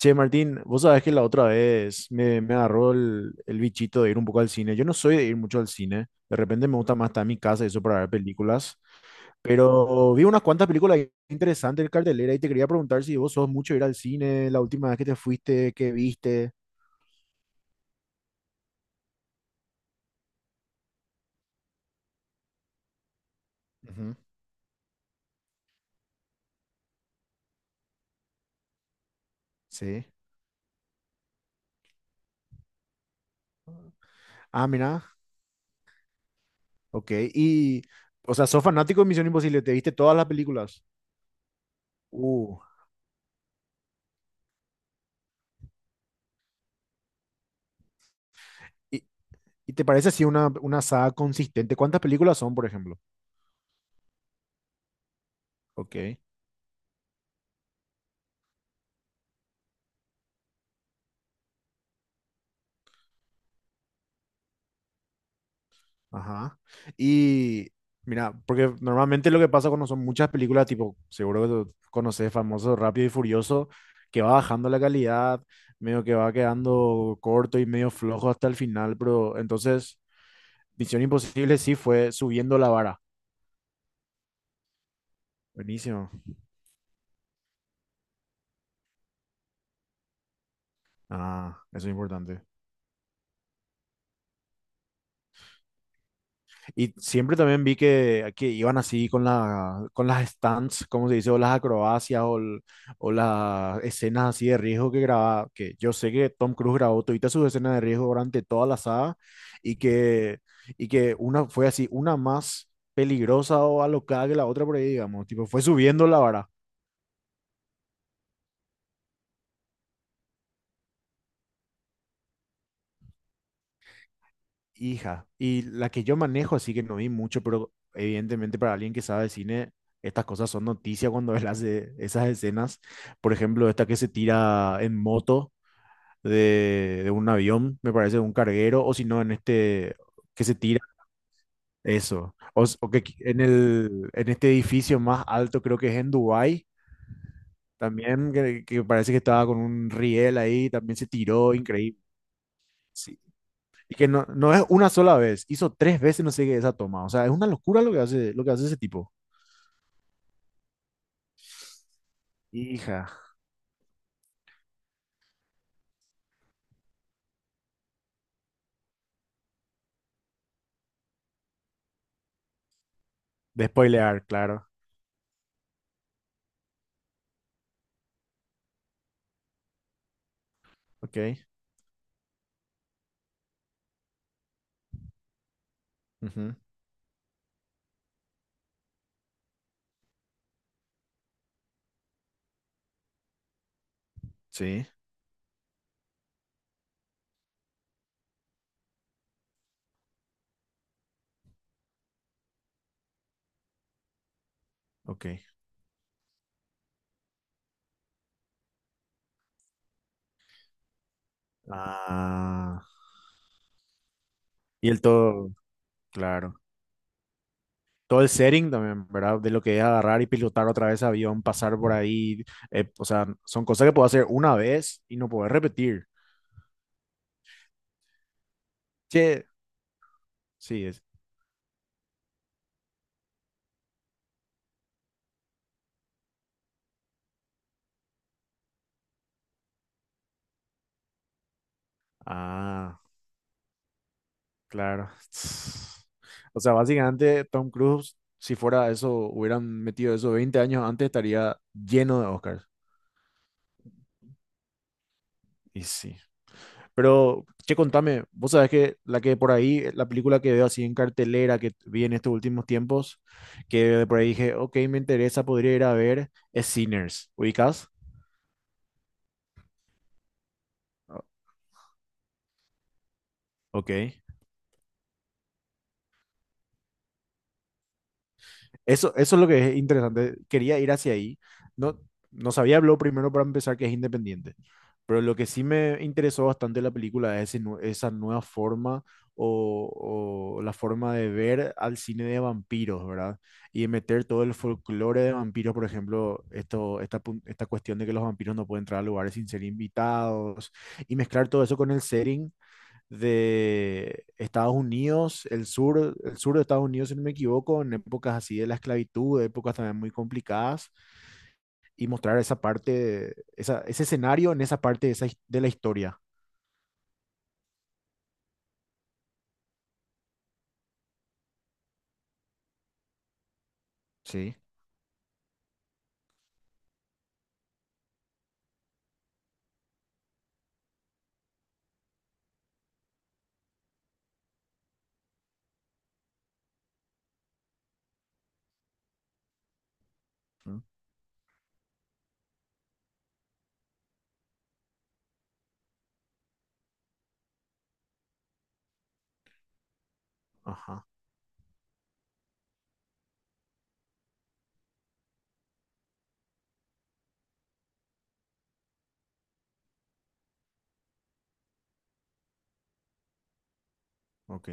Che, Martín, vos sabés que la otra vez me agarró el bichito de ir un poco al cine. Yo no soy de ir mucho al cine. De repente me gusta más estar en mi casa y eso para ver películas. Pero vi unas cuantas películas interesantes en cartelera y te quería preguntar si vos sos mucho de ir al cine, la última vez que te fuiste, qué viste. Ujú. Sí. Ah, mira. Ok. Y, o sea, sos fanático de Misión Imposible. ¿Te viste todas las películas? Uh. ¿Y, y te parece así una saga consistente? ¿Cuántas películas son, por ejemplo? Ok. Ajá. Y mira, porque normalmente lo que pasa cuando son muchas películas, tipo, seguro que tú conoces famoso Rápido y Furioso, que va bajando la calidad, medio que va quedando corto y medio flojo hasta el final, pero entonces Misión Imposible sí fue subiendo la vara. Buenísimo. Ah, eso es importante. Y siempre también vi que iban así con las stunts, como se dice, o las acrobacias, o las escenas así de riesgo que grababa, que yo sé que Tom Cruise grabó todas sus escenas de riesgo durante toda la saga, y que, y que una fue así, una, más peligrosa o alocada que la otra por ahí, digamos, tipo, fue subiendo la vara. Hija, y la que yo manejo, así que no vi mucho, pero evidentemente para alguien que sabe de cine, estas cosas son noticia cuando él hace esas escenas. Por ejemplo, esta que se tira en moto de un avión, me parece, de un carguero, o si no, en este que se tira, eso. O, s- o que qui- en el, en este edificio más alto, creo que es en Dubái, también, que parece que estaba con un riel ahí, también se tiró, increíble. Sí. Y que no es una sola vez, hizo 3 veces no sé qué esa toma. O sea, es una locura lo que hace ese tipo. Hija. De spoilear, claro. Ok. Ujú. Sí, ok. Ah. Y el todo, claro. Todo el setting también, ¿verdad? De lo que es agarrar y pilotar otra vez avión, pasar por ahí. O sea, son cosas que puedo hacer una vez y no poder repetir. Che, sí, es. Ah. Claro. O sea, básicamente Tom Cruise, si fuera eso, hubieran metido eso 20 años antes, estaría lleno de Oscars. Y sí. Pero, che, contame, vos sabés que la que por ahí, la película que veo así en cartelera que vi en estos últimos tiempos, que de por ahí dije, ok, me interesa, podría ir a ver, es Sinners. ¿Ubicás? O- Ok. Eso es lo que es interesante. Quería ir hacia ahí. No, no sabía, habló primero para empezar que es independiente. Pero lo que sí me interesó bastante de la película es esa nueva forma o la forma de ver al cine de vampiros, ¿verdad? Y de meter todo el folclore de vampiros, por ejemplo, esta cuestión de que los vampiros no pueden entrar a lugares sin ser invitados, y mezclar todo eso con el setting de Estados Unidos, el sur de Estados Unidos, si no me equivoco, en épocas así de la esclavitud, épocas también muy complicadas y mostrar esa parte, ese escenario en esa parte de la historia. Sí. Mm, ajá, ok.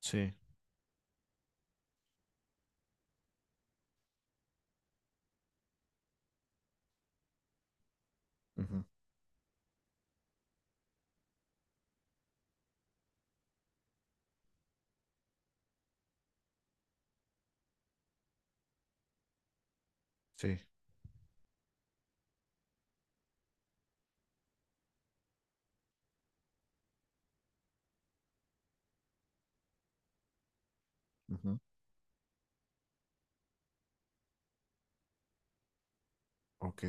Sí. Ujú. Sí. Ujú. Ok.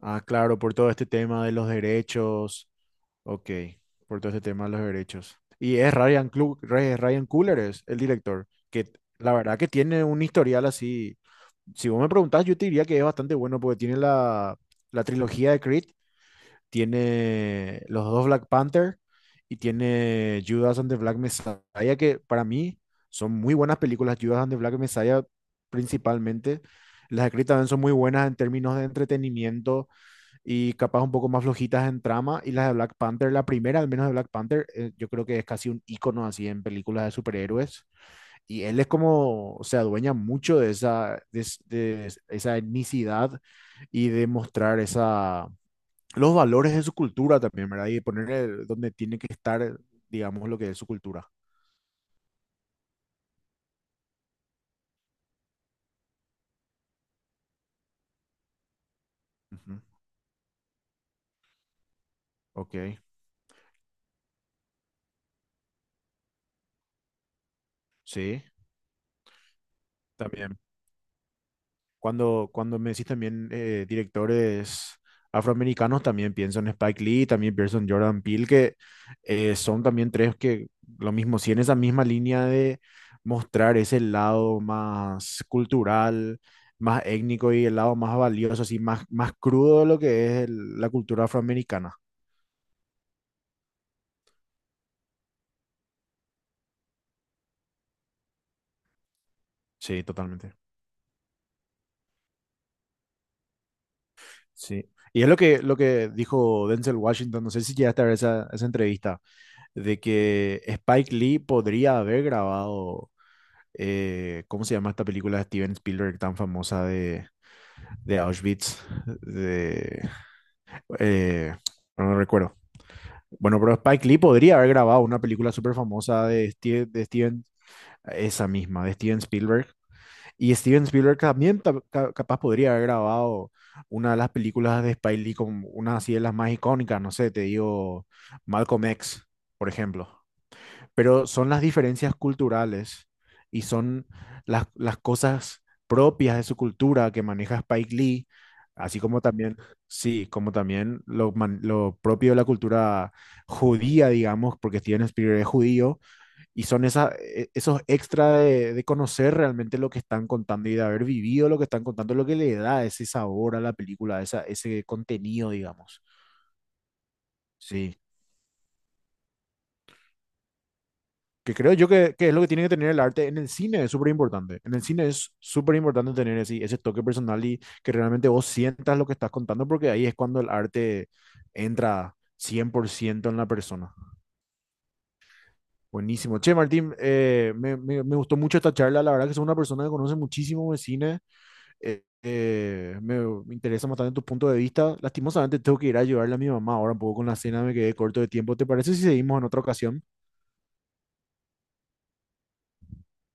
Ah, claro, por todo este tema de los derechos. Ok, por todo este tema de los derechos. Y es Ryan Coogler, es el director, que la verdad que tiene un historial así. Si vos me preguntás, yo te diría que es bastante bueno porque tiene la trilogía de Creed, tiene los dos Black Panther y tiene Judas and the Black Messiah, que para mí son muy buenas películas. Judas and the Black Messiah principalmente. Las de Creed también son muy buenas en términos de entretenimiento y capaz un poco más flojitas en trama. Y las de Black Panther, la primera al menos de Black Panther, yo creo que es casi un icono así en películas de superhéroes. Y él es como, se adueña mucho de esa, de es- esa etnicidad y de mostrar esa, los valores de su cultura también, ¿verdad? Y ponerle donde tiene que estar, digamos, lo que es su cultura. Ujú. Ok, sí, también. Cuando me decís también directores afroamericanos, también pienso en Spike Lee, también pienso en Jordan Peele, que son también tres que lo mismo, si en esa misma línea de mostrar ese lado más cultural, más étnico y el lado más valioso, así más, más crudo de lo que es la cultura afroamericana. Sí, totalmente. Sí. Y es lo que dijo Denzel Washington, no sé si llegaste a ver esa entrevista, de que Spike Lee podría haber grabado ¿cómo se llama esta película de Steven Spielberg tan famosa de Auschwitz? De, eh, no recuerdo. Bueno, pero Spike Lee podría haber grabado una película súper famosa de Steven, esa misma, de Steven Spielberg. Y Steven Spielberg también capaz podría haber grabado una de las películas de Spike Lee, como una así de las más icónicas, no sé, te digo Malcolm X, por ejemplo, pero son las diferencias culturales y son las cosas propias de su cultura que maneja Spike Lee, así como también, sí, como también lo propio de la cultura judía, digamos, porque Steven Spielberg es judío, y son esos extra de conocer realmente lo que están contando y de haber vivido lo que están contando, lo que le da ese sabor a la película, ese contenido, digamos. Sí. Que creo yo que es lo que tiene que tener el arte en el cine, es súper importante. En el cine es súper importante tener ese toque personal y que realmente vos sientas lo que estás contando, porque ahí es cuando el arte entra 100% en la persona. Buenísimo. Che, Martín, me gustó mucho esta charla. La verdad que soy una persona que conoce muchísimo de cine. Eh, eh, me, me interesa bastante tu punto de vista. Lastimosamente tengo que ir a ayudarle a mi mamá ahora un poco con la cena, me quedé corto de tiempo. ¿Te parece si seguimos en otra ocasión?